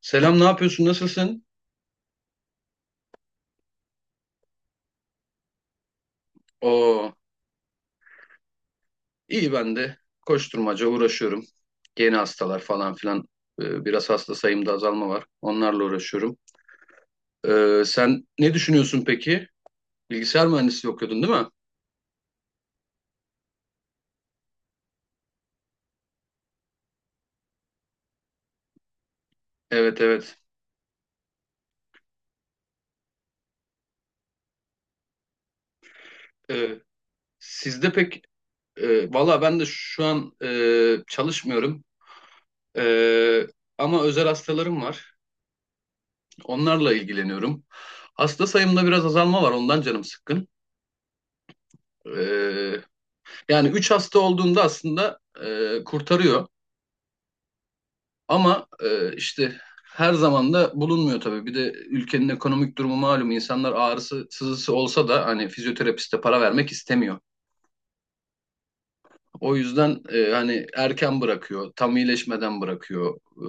Selam, ne yapıyorsun? Nasılsın? Oo, iyi ben de. Koşturmaca uğraşıyorum. Yeni hastalar falan filan. Biraz hasta sayımda azalma var. Onlarla uğraşıyorum. Sen ne düşünüyorsun peki? Bilgisayar mühendisliği okuyordun değil mi? Evet evet. Ee, Sizde pek valla ben de şu an çalışmıyorum. Ee, Ama özel hastalarım var. Onlarla ilgileniyorum. Hasta sayımda biraz azalma var. Ondan canım sıkkın. E, Yani 3 hasta olduğunda aslında kurtarıyor ama işte her zaman da bulunmuyor tabii. Bir de ülkenin ekonomik durumu malum. İnsanlar ağrısı, sızısı olsa da hani fizyoterapiste para vermek istemiyor. O yüzden hani erken bırakıyor, tam iyileşmeden bırakıyor.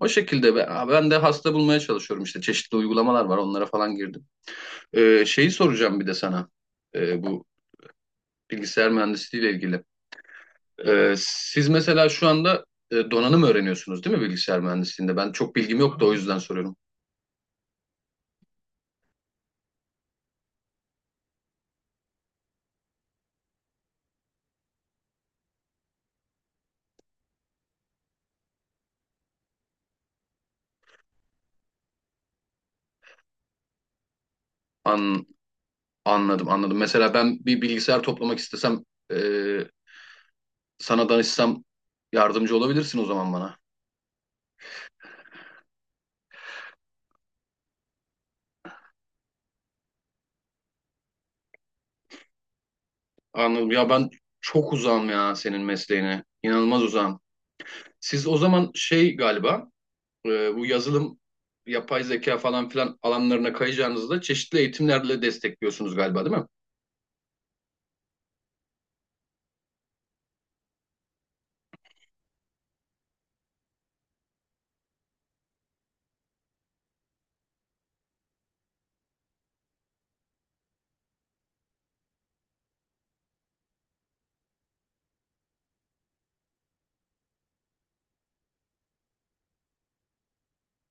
O şekilde ben de hasta bulmaya çalışıyorum işte. Çeşitli uygulamalar var, onlara falan girdim. Şeyi soracağım bir de sana. Bu bilgisayar mühendisliği ile ilgili. Siz mesela şu anda donanım öğreniyorsunuz değil mi bilgisayar mühendisliğinde? Ben çok bilgim yok da o yüzden soruyorum. An Anladım anladım. Mesela ben bir bilgisayar toplamak istesem e, sana danışsam yardımcı olabilirsin o zaman bana. Anladım. Ya ben çok uzağım ya senin mesleğine. İnanılmaz uzağım. Siz o zaman şey galiba bu yazılım, yapay zeka falan filan alanlarına kayacağınızda çeşitli eğitimlerle destekliyorsunuz galiba değil mi?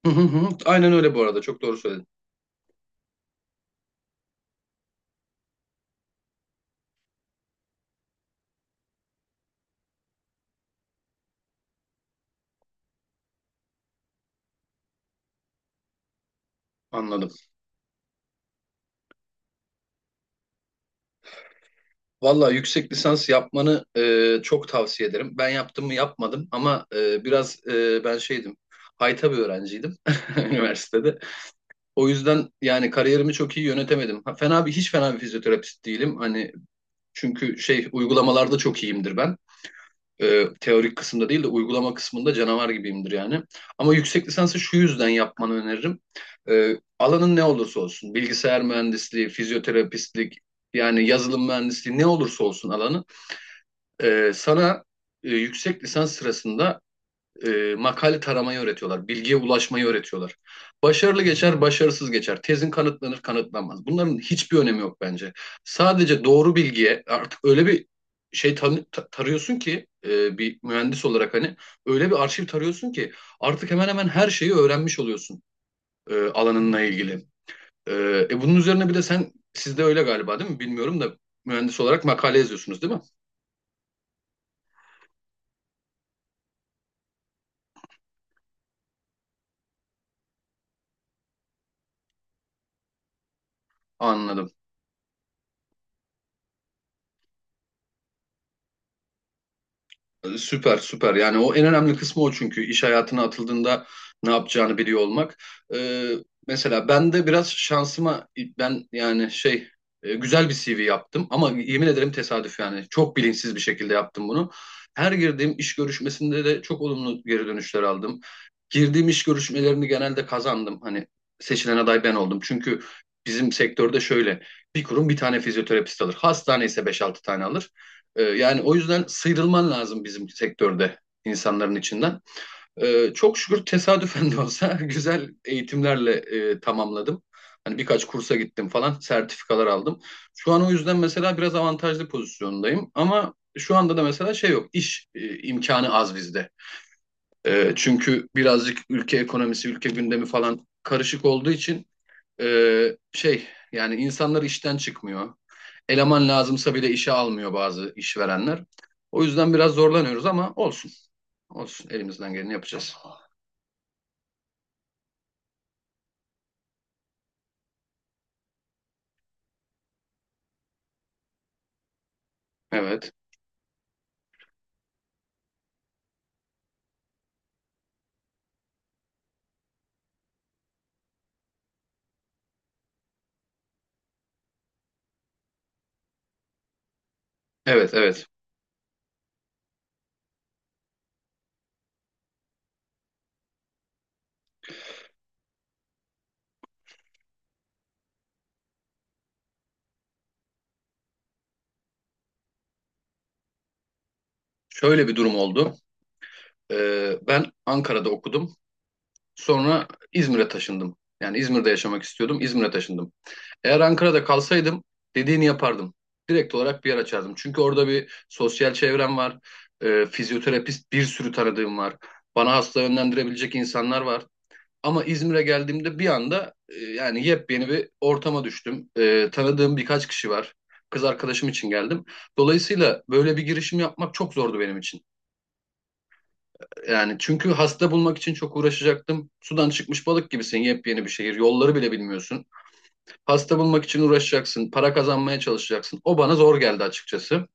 Hı hı hı. Aynen öyle bu arada. Çok doğru söyledin. Anladım. Valla yüksek lisans yapmanı çok tavsiye ederim. Ben yaptım mı yapmadım ama biraz ben şeydim, hayta bir öğrenciydim üniversitede. O yüzden yani kariyerimi çok iyi yönetemedim. Ha, fena bir hiç fena bir fizyoterapist değilim. Hani çünkü şey uygulamalarda çok iyiyimdir ben. Teorik kısımda değil de uygulama kısmında canavar gibiyimdir yani. Ama yüksek lisansı şu yüzden yapmanı öneririm. Alanın ne olursa olsun, bilgisayar mühendisliği, fizyoterapistlik, yani yazılım mühendisliği ne olursa olsun alanı. Sana yüksek lisans sırasında makale taramayı öğretiyorlar, bilgiye ulaşmayı öğretiyorlar. Başarılı geçer, başarısız geçer. Tezin kanıtlanır, kanıtlanmaz. Bunların hiçbir önemi yok bence. Sadece doğru bilgiye artık öyle bir şey tarıyorsun ki bir mühendis olarak hani öyle bir arşiv tarıyorsun ki artık hemen hemen her şeyi öğrenmiş oluyorsun alanınla ilgili. E, Bunun üzerine bir de sen sizde öyle galiba değil mi? Bilmiyorum da mühendis olarak makale yazıyorsunuz değil mi? Anladım. Süper süper yani o en önemli kısmı o çünkü iş hayatına atıldığında ne yapacağını biliyor olmak. Ee, Mesela ben de biraz şansıma ben yani şey güzel bir CV yaptım ama yemin ederim tesadüf yani çok bilinçsiz bir şekilde yaptım bunu. Her girdiğim iş görüşmesinde de çok olumlu geri dönüşler aldım. Girdiğim iş görüşmelerini genelde kazandım hani seçilen aday ben oldum çünkü bizim sektörde şöyle bir kurum bir tane fizyoterapist alır hastane ise beş altı tane alır. Yani o yüzden sıyrılman lazım bizim sektörde insanların içinden. Çok şükür tesadüfen de olsa güzel eğitimlerle tamamladım. Hani birkaç kursa gittim falan, sertifikalar aldım. Şu an o yüzden mesela biraz avantajlı pozisyondayım. Ama şu anda da mesela şey yok, iş imkanı az bizde. Çünkü birazcık ülke ekonomisi, ülke gündemi falan karışık olduğu için şey yani insanlar işten çıkmıyor. Eleman lazımsa bile işe almıyor bazı işverenler. O yüzden biraz zorlanıyoruz ama olsun. Olsun elimizden geleni yapacağız. Evet. Evet evet. Şöyle bir durum oldu. Ben Ankara'da okudum. Sonra İzmir'e taşındım. Yani İzmir'de yaşamak istiyordum. İzmir'e taşındım. Eğer Ankara'da kalsaydım dediğini yapardım. Direkt olarak bir yer açardım. Çünkü orada bir sosyal çevrem var. Fizyoterapist bir sürü tanıdığım var. Bana hasta yönlendirebilecek insanlar var. Ama İzmir'e geldiğimde bir anda yani yepyeni bir ortama düştüm. Tanıdığım birkaç kişi var. Kız arkadaşım için geldim. Dolayısıyla böyle bir girişim yapmak çok zordu benim için. Yani çünkü hasta bulmak için çok uğraşacaktım. Sudan çıkmış balık gibisin, yepyeni bir şehir. Yolları bile bilmiyorsun. Hasta bulmak için uğraşacaksın, para kazanmaya çalışacaksın. O bana zor geldi açıkçası.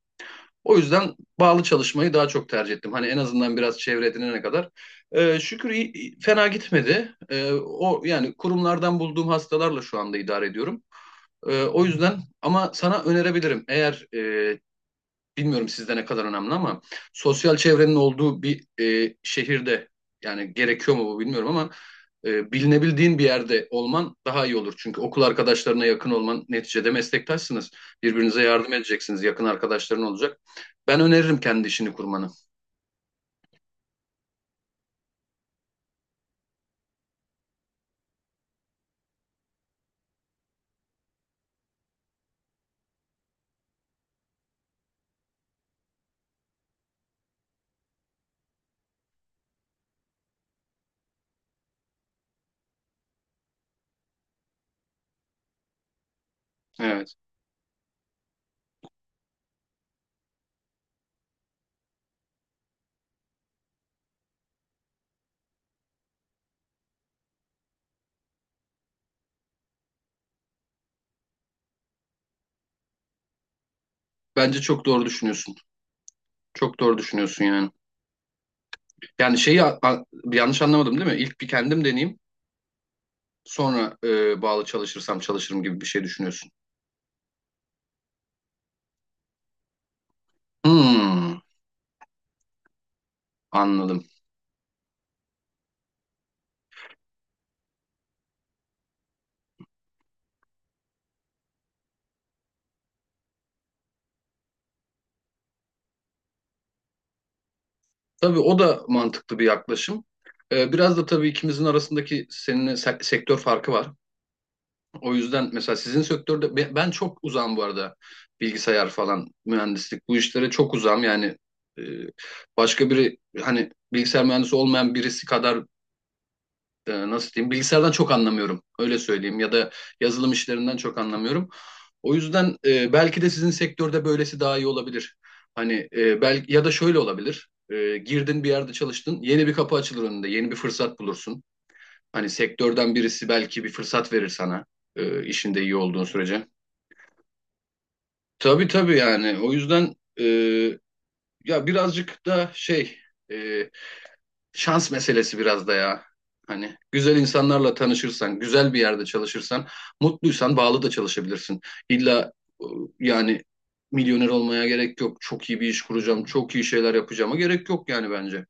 O yüzden bağlı çalışmayı daha çok tercih ettim. Hani en azından biraz çevre edinene kadar. Şükür fena gitmedi. O yani kurumlardan bulduğum hastalarla şu anda idare ediyorum. O yüzden ama sana önerebilirim. Eğer bilmiyorum sizde ne kadar önemli ama sosyal çevrenin olduğu bir şehirde yani gerekiyor mu bu bilmiyorum ama bilinebildiğin bir yerde olman daha iyi olur. Çünkü okul arkadaşlarına yakın olman neticede meslektaşsınız. Birbirinize yardım edeceksiniz. Yakın arkadaşların olacak. Ben öneririm kendi işini kurmanı. Evet. Bence çok doğru düşünüyorsun. Çok doğru düşünüyorsun yani. Yani şeyi yanlış anlamadım değil mi? İlk bir kendim deneyeyim. Sonra bağlı çalışırsam çalışırım gibi bir şey düşünüyorsun. Hmm, anladım. Tabii o da mantıklı bir yaklaşım. Biraz da tabii ikimizin arasındaki seninle sektör farkı var. O yüzden mesela sizin sektörde ben çok uzağım bu arada, bilgisayar falan mühendislik bu işlere çok uzağım yani. e, Başka biri hani bilgisayar mühendisi olmayan birisi kadar nasıl diyeyim bilgisayardan çok anlamıyorum, öyle söyleyeyim, ya da yazılım işlerinden çok anlamıyorum. O yüzden belki de sizin sektörde böylesi daha iyi olabilir. Hani belki ya da şöyle olabilir. Girdin bir yerde çalıştın, yeni bir kapı açılır önünde, yeni bir fırsat bulursun. Hani sektörden birisi belki bir fırsat verir sana işinde iyi olduğun sürece. Tabii tabii yani o yüzden e, ya birazcık da şey e, şans meselesi biraz da ya. Hani güzel insanlarla tanışırsan, güzel bir yerde çalışırsan, mutluysan bağlı da çalışabilirsin. İlla e, yani milyoner olmaya gerek yok. Çok iyi bir iş kuracağım, çok iyi şeyler yapacağıma gerek yok yani bence.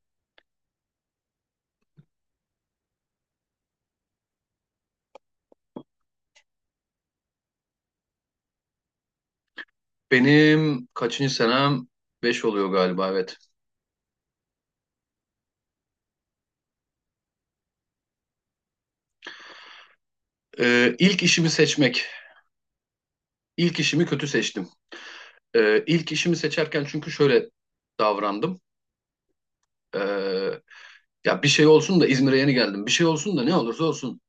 Benim kaçıncı senem? Beş oluyor galiba, evet. İlk işimi seçmek. İlk işimi kötü seçtim. İlk işimi seçerken çünkü şöyle davrandım. Ee, Ya bir şey olsun da İzmir'e yeni geldim. Bir şey olsun da ne olursa olsun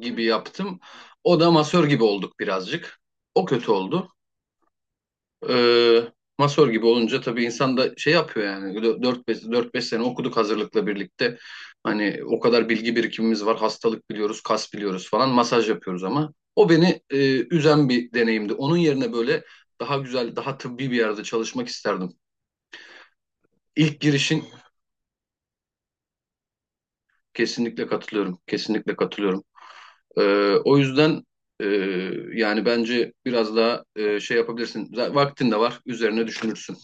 gibi yaptım. O da masör gibi olduk birazcık. O kötü oldu. Ee, Masör gibi olunca tabii insan da şey yapıyor yani dört beş sene okuduk hazırlıkla birlikte. Hani o kadar bilgi birikimimiz var. Hastalık biliyoruz, kas biliyoruz falan. Masaj yapıyoruz ama o beni üzen bir deneyimdi. Onun yerine böyle daha güzel, daha tıbbi bir yerde çalışmak isterdim. İlk girişin kesinlikle katılıyorum. Kesinlikle katılıyorum. O yüzden e, yani bence biraz daha şey yapabilirsin. Vaktin de var, üzerine düşünürsün.